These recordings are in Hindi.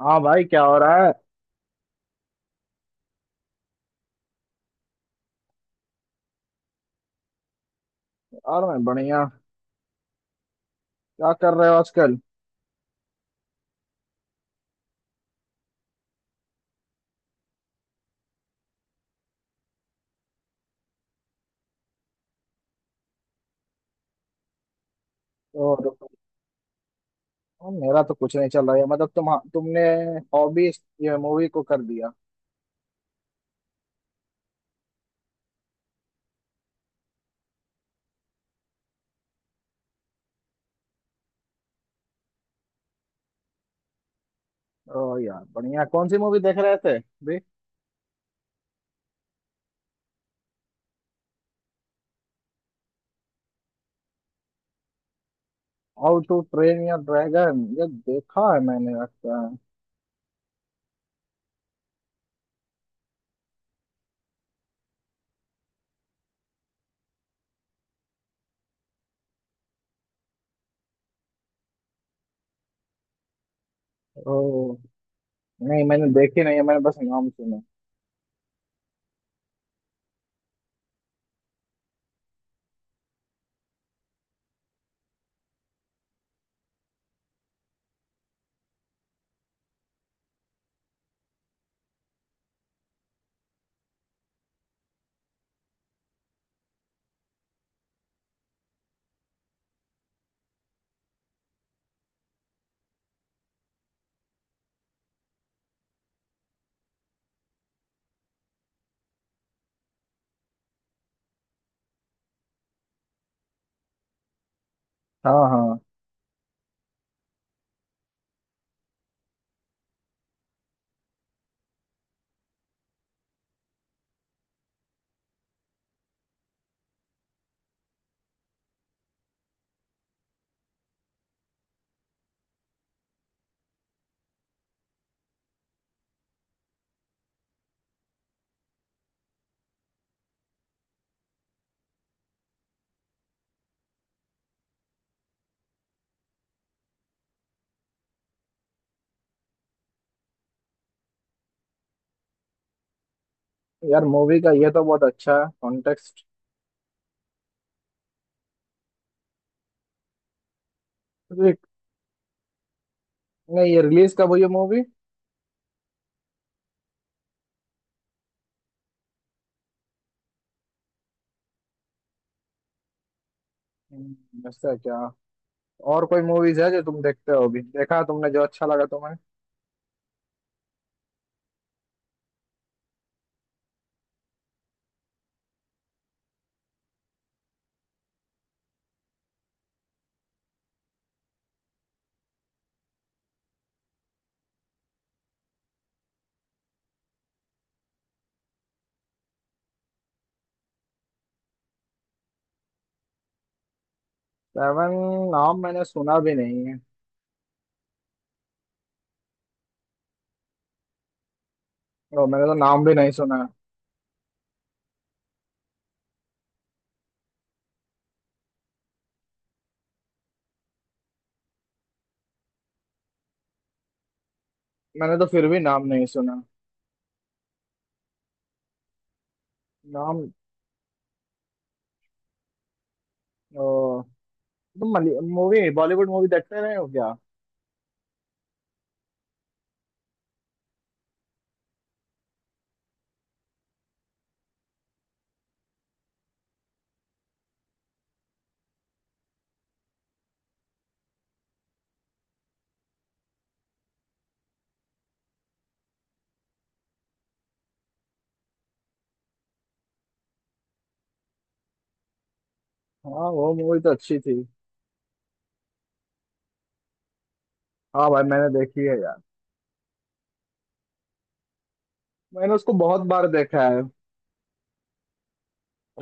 हाँ भाई, क्या हो रहा है। यार, मैं बढ़िया। क्या कर रहे हो आजकल। और और मेरा तो कुछ नहीं चल रहा है। मतलब तुमने हॉबी ये मूवी को कर दिया। ओ यार, बढ़िया। कौन सी मूवी देख रहे थे भी। How to Train Your Dragon, ये देखा है मैंने लगता है। ओ, नहीं, मैंने देखी नहीं है, मैंने बस नाम सुना। हाँ हाँ। यार, मूवी का ये तो बहुत अच्छा है कॉन्टेक्स्ट। नहीं, ये रिलीज कब हुई है मूवी। ऐसा क्या। और कोई मूवीज है जो तुम देखते हो अभी, देखा तुमने जो अच्छा लगा तुम्हें। सेवन? नाम मैंने सुना भी नहीं है। और मैंने तो नाम भी नहीं सुना। मैंने तो फिर भी नाम नहीं सुना। नाम। ओ, तुम मूवी, बॉलीवुड मूवी देखते रहे हो क्या। हाँ, वो मूवी तो अच्छी थी। हाँ भाई, मैंने देखी है यार। मैंने उसको बहुत बार देखा है।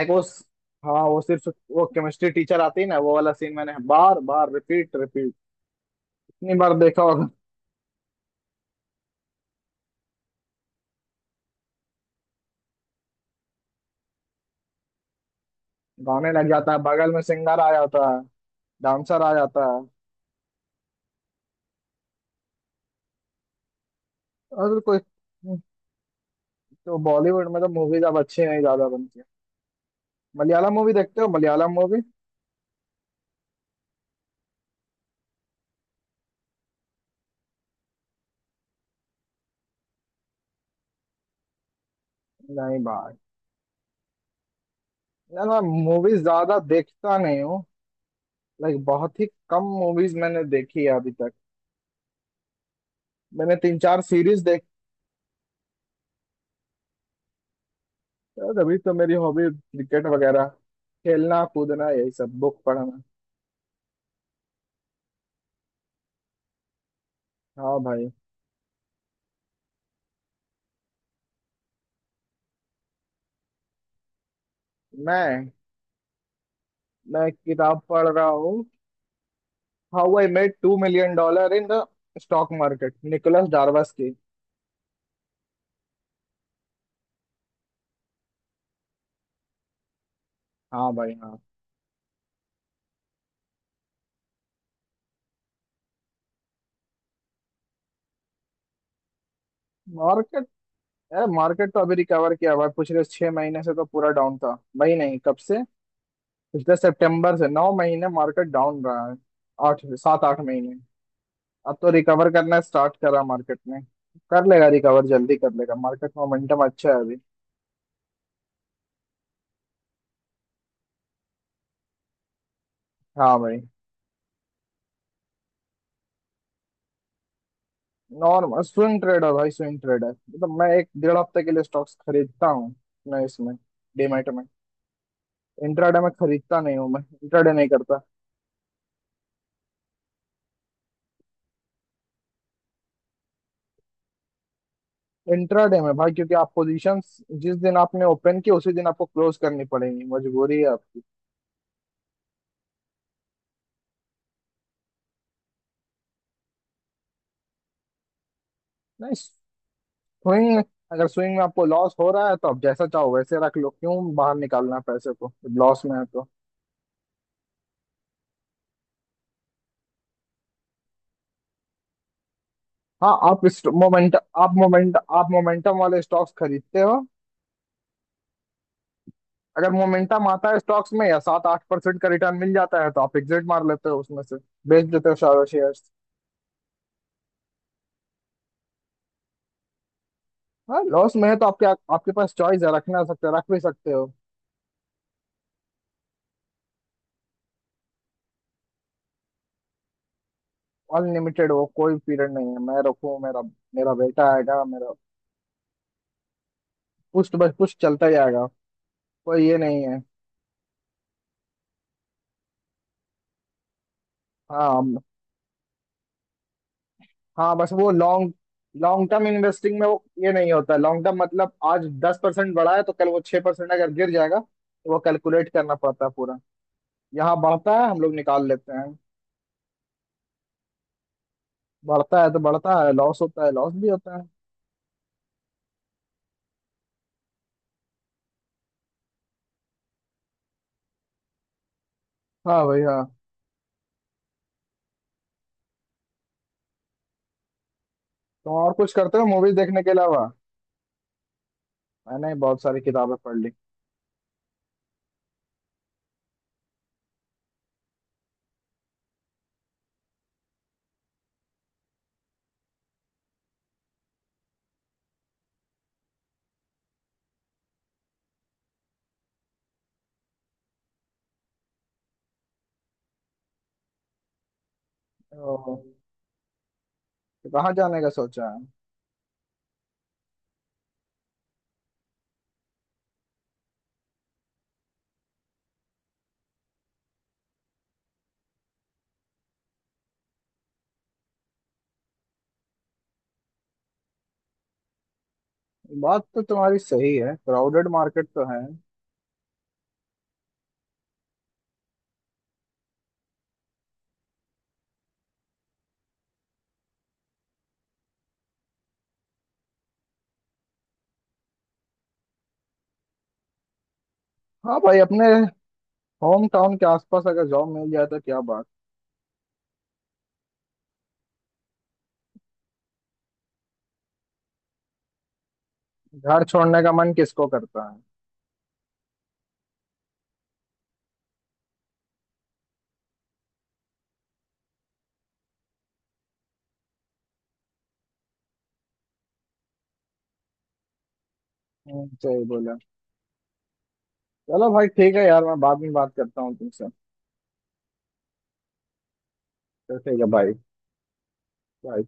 एक वो, हाँ वो सिर्फ वो केमिस्ट्री टीचर आती है ना, वो वाला सीन मैंने बार बार रिपीट रिपीट इतनी बार देखा होगा। गाने लग जाता है, बगल में सिंगर आ जाता है, डांसर आ जाता है। और कोई। तो बॉलीवुड में तो मूवीज अब अच्छी नहीं ज्यादा बनती। मलयालम मूवी देखते हो, मलयालम मूवी। नहीं भाई। यार, मैं मूवीज ज्यादा देखता नहीं हूँ। लाइक, बहुत ही कम मूवीज मैंने देखी है अभी तक। मैंने तीन चार सीरीज देखता हूँ, तभी तो मेरी हॉबी क्रिकेट वगैरह, खेलना कूदना, यही सब, बुक पढ़ना। हाँ भाई, मैं मैं एक किताब पढ़ रहा हूँ। How I made $2 million in the Stock Market, Nicolas Darvas की। हाँ भाई, हाँ। मार्केट मार्केट तो अभी रिकवर किया हुआ है, पिछले 6 महीने से तो पूरा डाउन था। भाई नहीं, कब से। पिछले सितंबर से 9 महीने मार्केट डाउन रहा है। आठ सात आठ महीने। अब तो रिकवर करना स्टार्ट करा मार्केट ने। कर लेगा रिकवर, जल्दी कर लेगा मार्केट, मोमेंटम अच्छा है अभी। हाँ भाई। नॉर्मल स्विंग ट्रेडर भाई, स्विंग ट्रेडर मतलब मैं एक डेढ़ हफ्ते के लिए स्टॉक्स खरीदता हूँ। मैं इसमें डीमैट में, इंट्राडे में खरीदता नहीं हूँ, मैं इंट्राडे नहीं करता। इंट्राडे में भाई, क्योंकि आप पोजीशंस जिस दिन आपने ओपन की उसी दिन आपको क्लोज करनी पड़ेगी, मजबूरी है आपकी। नहीं, वही है, अगर स्विंग में आपको लॉस हो रहा है तो आप जैसा चाहो वैसे रख लो, क्यों बाहर निकालना है पैसे को, लॉस में है तो। हाँ, आप इस मोमेंट आप मोमेंटम वाले स्टॉक्स खरीदते हो। अगर मोमेंटम आता है स्टॉक्स में या 7-8% का रिटर्न मिल जाता है तो आप एग्जिट मार लेते हो उसमें से। बेच देते हो सारे शेयर्स। हाँ, लॉस में है तो आपके आपके पास चॉइस है, रखना सकते हो, रख भी सकते हो। अनलिमिटेड, वो कोई पीरियड नहीं है। मैं रखूँ, मेरा मेरा बेटा आएगा, मेरा पुश्त बस पुश्त चलता जाएगा, कोई ये नहीं है। हाँ हाँ, बस वो लॉन्ग लॉन्ग टर्म इन्वेस्टिंग में वो ये नहीं होता। लॉन्ग टर्म मतलब आज 10% बढ़ा है तो कल वो 6% अगर गिर जाएगा तो वो कैलकुलेट करना पड़ता है पूरा। यहाँ बढ़ता है, हम लोग निकाल लेते हैं। बढ़ता है तो बढ़ता है, लॉस होता है, लॉस भी होता है। हाँ भाई, हाँ। तो और कुछ करते हो मूवीज देखने के अलावा। मैंने बहुत सारी किताबें पढ़ ली। ओह, तो कहाँ जाने का सोचा है। बात तो तुम्हारी सही है, क्राउडेड मार्केट तो है। हाँ भाई, अपने होम टाउन के आसपास अगर जॉब मिल जाए तो क्या बात। घर छोड़ने का मन किसको करता है। सही बोला। चलो भाई, ठीक है यार, मैं बाद में बात करता हूँ तुमसे। तो ठीक है भाई। बाय।